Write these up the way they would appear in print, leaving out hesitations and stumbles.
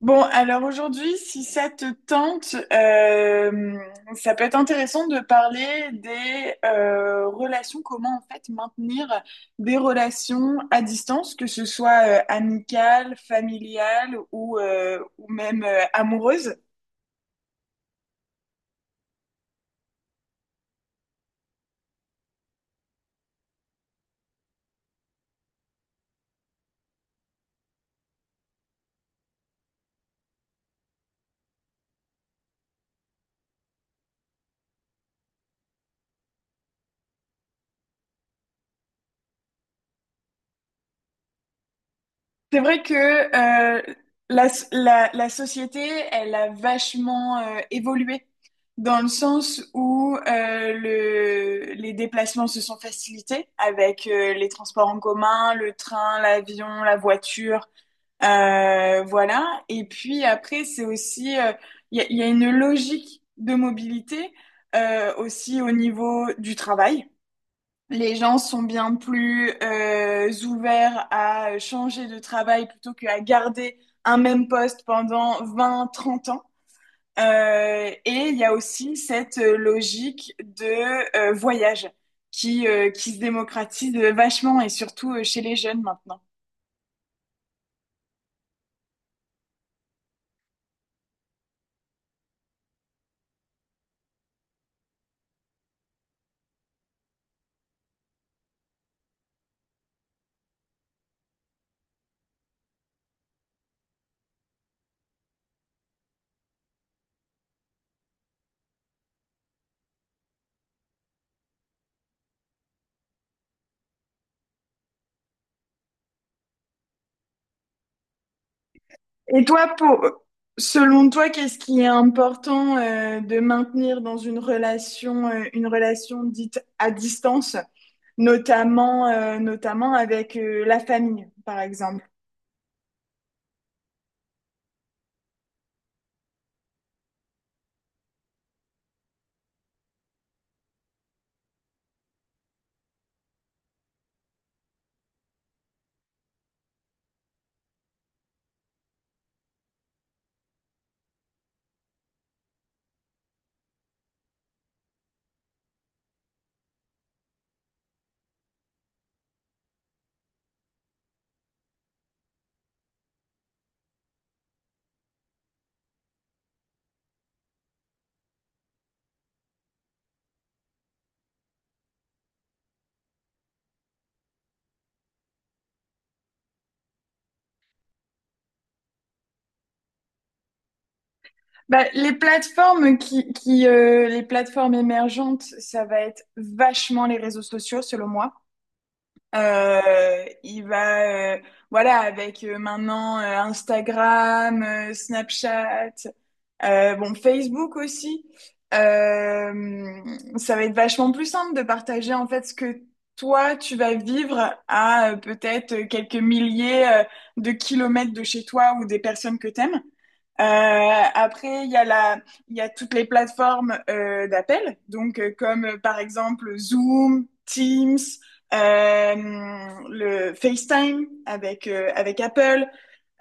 Bon, alors aujourd'hui, si ça te tente, ça peut être intéressant de parler des relations, comment en fait maintenir des relations à distance, que ce soit amicales, familiales ou même amoureuses. C'est vrai que la, la société, elle a vachement évolué dans le sens où les déplacements se sont facilités avec les transports en commun, le train, l'avion, la voiture, voilà. Et puis après, c'est aussi, il y a une logique de mobilité aussi au niveau du travail. Les gens sont bien plus ouverts à changer de travail plutôt qu'à garder un même poste pendant 20, 30 ans. Et il y a aussi cette logique de voyage qui se démocratise vachement et surtout chez les jeunes maintenant. Et toi, pour, Selon toi, qu'est-ce qui est important de maintenir dans une relation dite à distance? Notamment, notamment avec la famille, par exemple. Bah, les plateformes émergentes, ça va être vachement les réseaux sociaux, selon moi. Euh, il va, euh, voilà, avec maintenant Instagram, Snapchat, bon, Facebook aussi. Euh, Ça va être vachement plus simple de partager en fait ce que toi tu vas vivre à peut-être quelques milliers de kilomètres de chez toi ou des personnes que t'aimes. Après, il y a la, Il y a toutes les plateformes d'appel, donc comme par exemple Zoom, Teams, euh, le FaceTime avec avec Apple.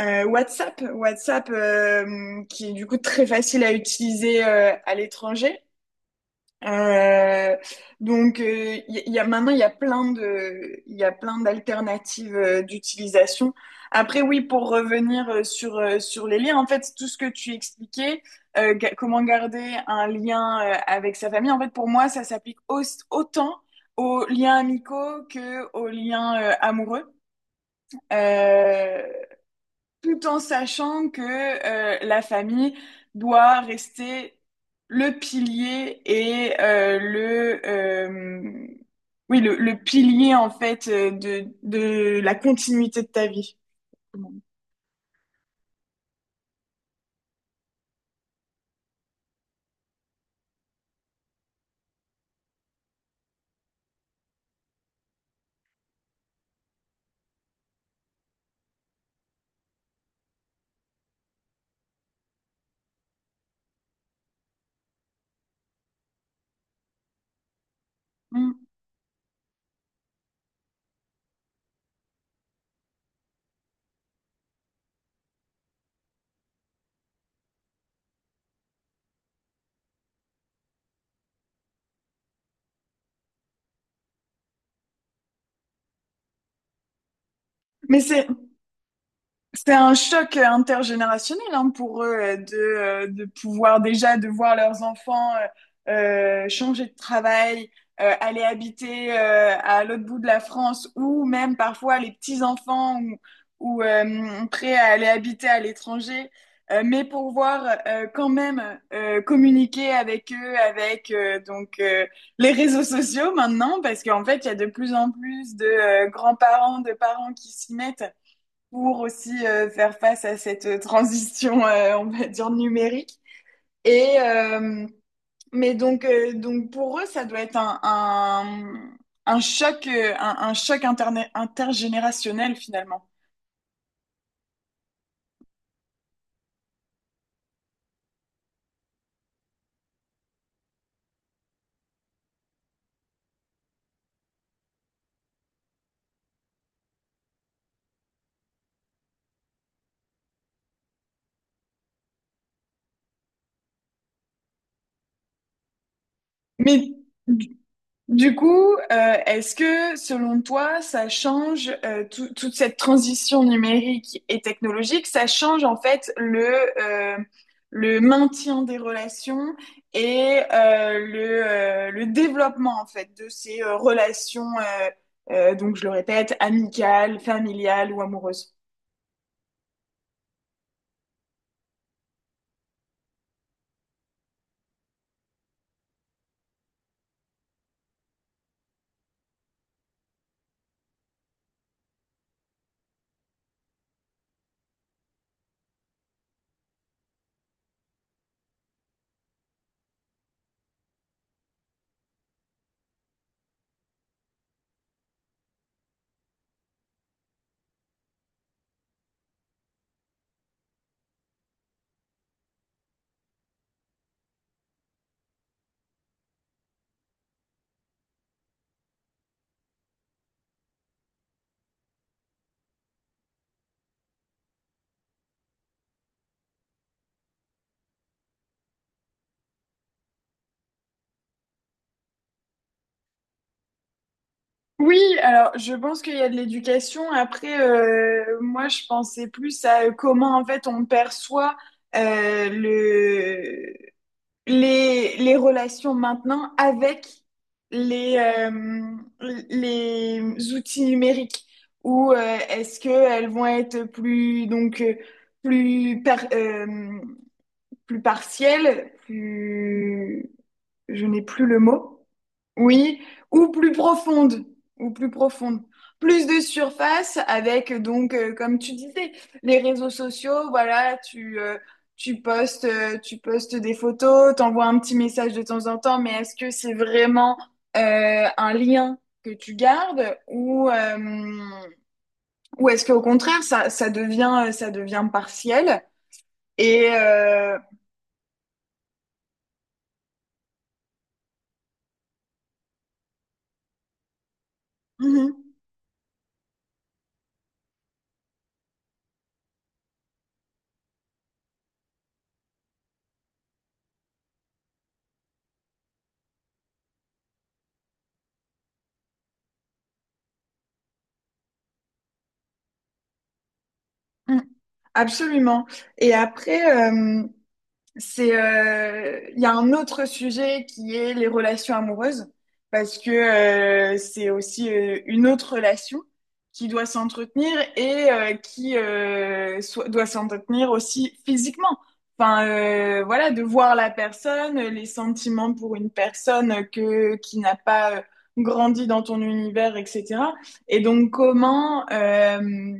WhatsApp qui est du coup très facile à utiliser à l'étranger. Euh, donc, il y, y a, Maintenant, il y a plein d'alternatives d'utilisation. Après, oui, pour revenir sur les liens, en fait, tout ce que tu expliquais, comment garder un lien avec sa famille, en fait, pour moi, autant aux liens amicaux que aux liens amoureux. Euh, tout en sachant que la famille doit rester le pilier et le pilier en fait de la continuité de ta vie. Mm. Mais c'est C'est un choc intergénérationnel hein, pour eux de pouvoir déjà de voir leurs enfants euh, changer de travail, aller habiter à l'autre bout de la France ou même parfois les petits-enfants ou prêts à aller habiter à l'étranger, mais pour voir quand même communiquer avec eux, avec les réseaux sociaux maintenant, parce qu'en fait, il y a de plus en plus de grands-parents, de parents qui s'y mettent pour aussi faire face à cette transition, on va dire, numérique. Et, euh, pour eux, ça doit être un choc, un choc intergénérationnel finalement. Mais Du coup, est-ce que selon toi, ça change toute cette transition numérique et technologique, ça change en fait euh, le maintien des relations et le développement en fait de ces relations, donc je le répète, amicales, familiales ou amoureuses? Oui, alors je pense qu'il y a de l'éducation. Après, moi, je pensais plus à comment en fait on perçoit le les relations maintenant avec les, euh, les outils numériques ou est-ce qu'elles vont être plus, plus, par- euh, plus partielles, plus je n'ai plus le mot. Oui, ou plus profonde, ou plus profonde. Plus de surface avec donc, comme tu disais, les réseaux sociaux, voilà, tu postes des photos, t'envoies un petit message de temps en temps, mais est-ce que c'est vraiment un lien que tu gardes ou est-ce qu'au contraire, ça devient partiel et mhm, mhm, absolument. Et après, il y a un autre sujet qui est les relations amoureuses, parce que c'est aussi une autre relation qui doit s'entretenir et doit s'entretenir aussi physiquement. Enfin, voilà, de voir la personne, les sentiments pour une personne qui n'a pas grandi dans ton univers, etc. Et donc,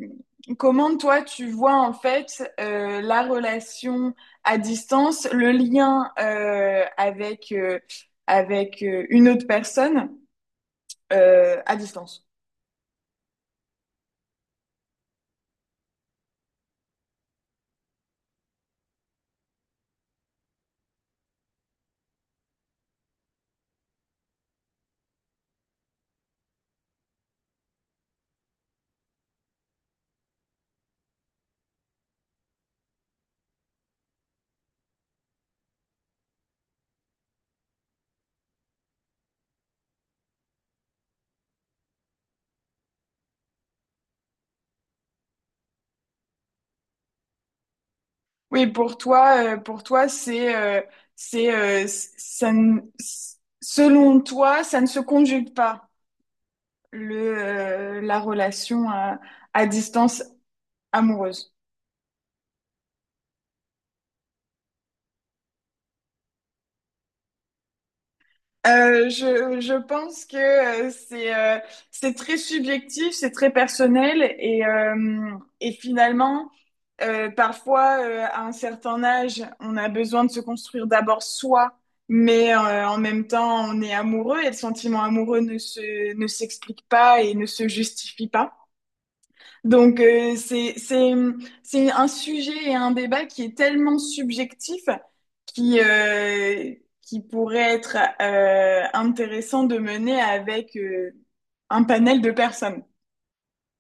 comment toi, tu vois en fait la relation à distance, le lien avec une autre personne à distance. Pour toi, c'est, c- ça ne- s- selon toi, ça ne se conjugue pas la relation à distance amoureuse. Je pense que euh, c'est euh, c'est très subjectif, c'est très personnel et finalement, parfois, à un certain âge, on a besoin de se construire d'abord soi, mais en même temps, on est amoureux et le sentiment amoureux ne s'explique pas et ne se justifie pas. Donc, c'est un sujet et un débat qui est tellement subjectif qui, euh, qui pourrait être intéressant de mener avec un panel de personnes.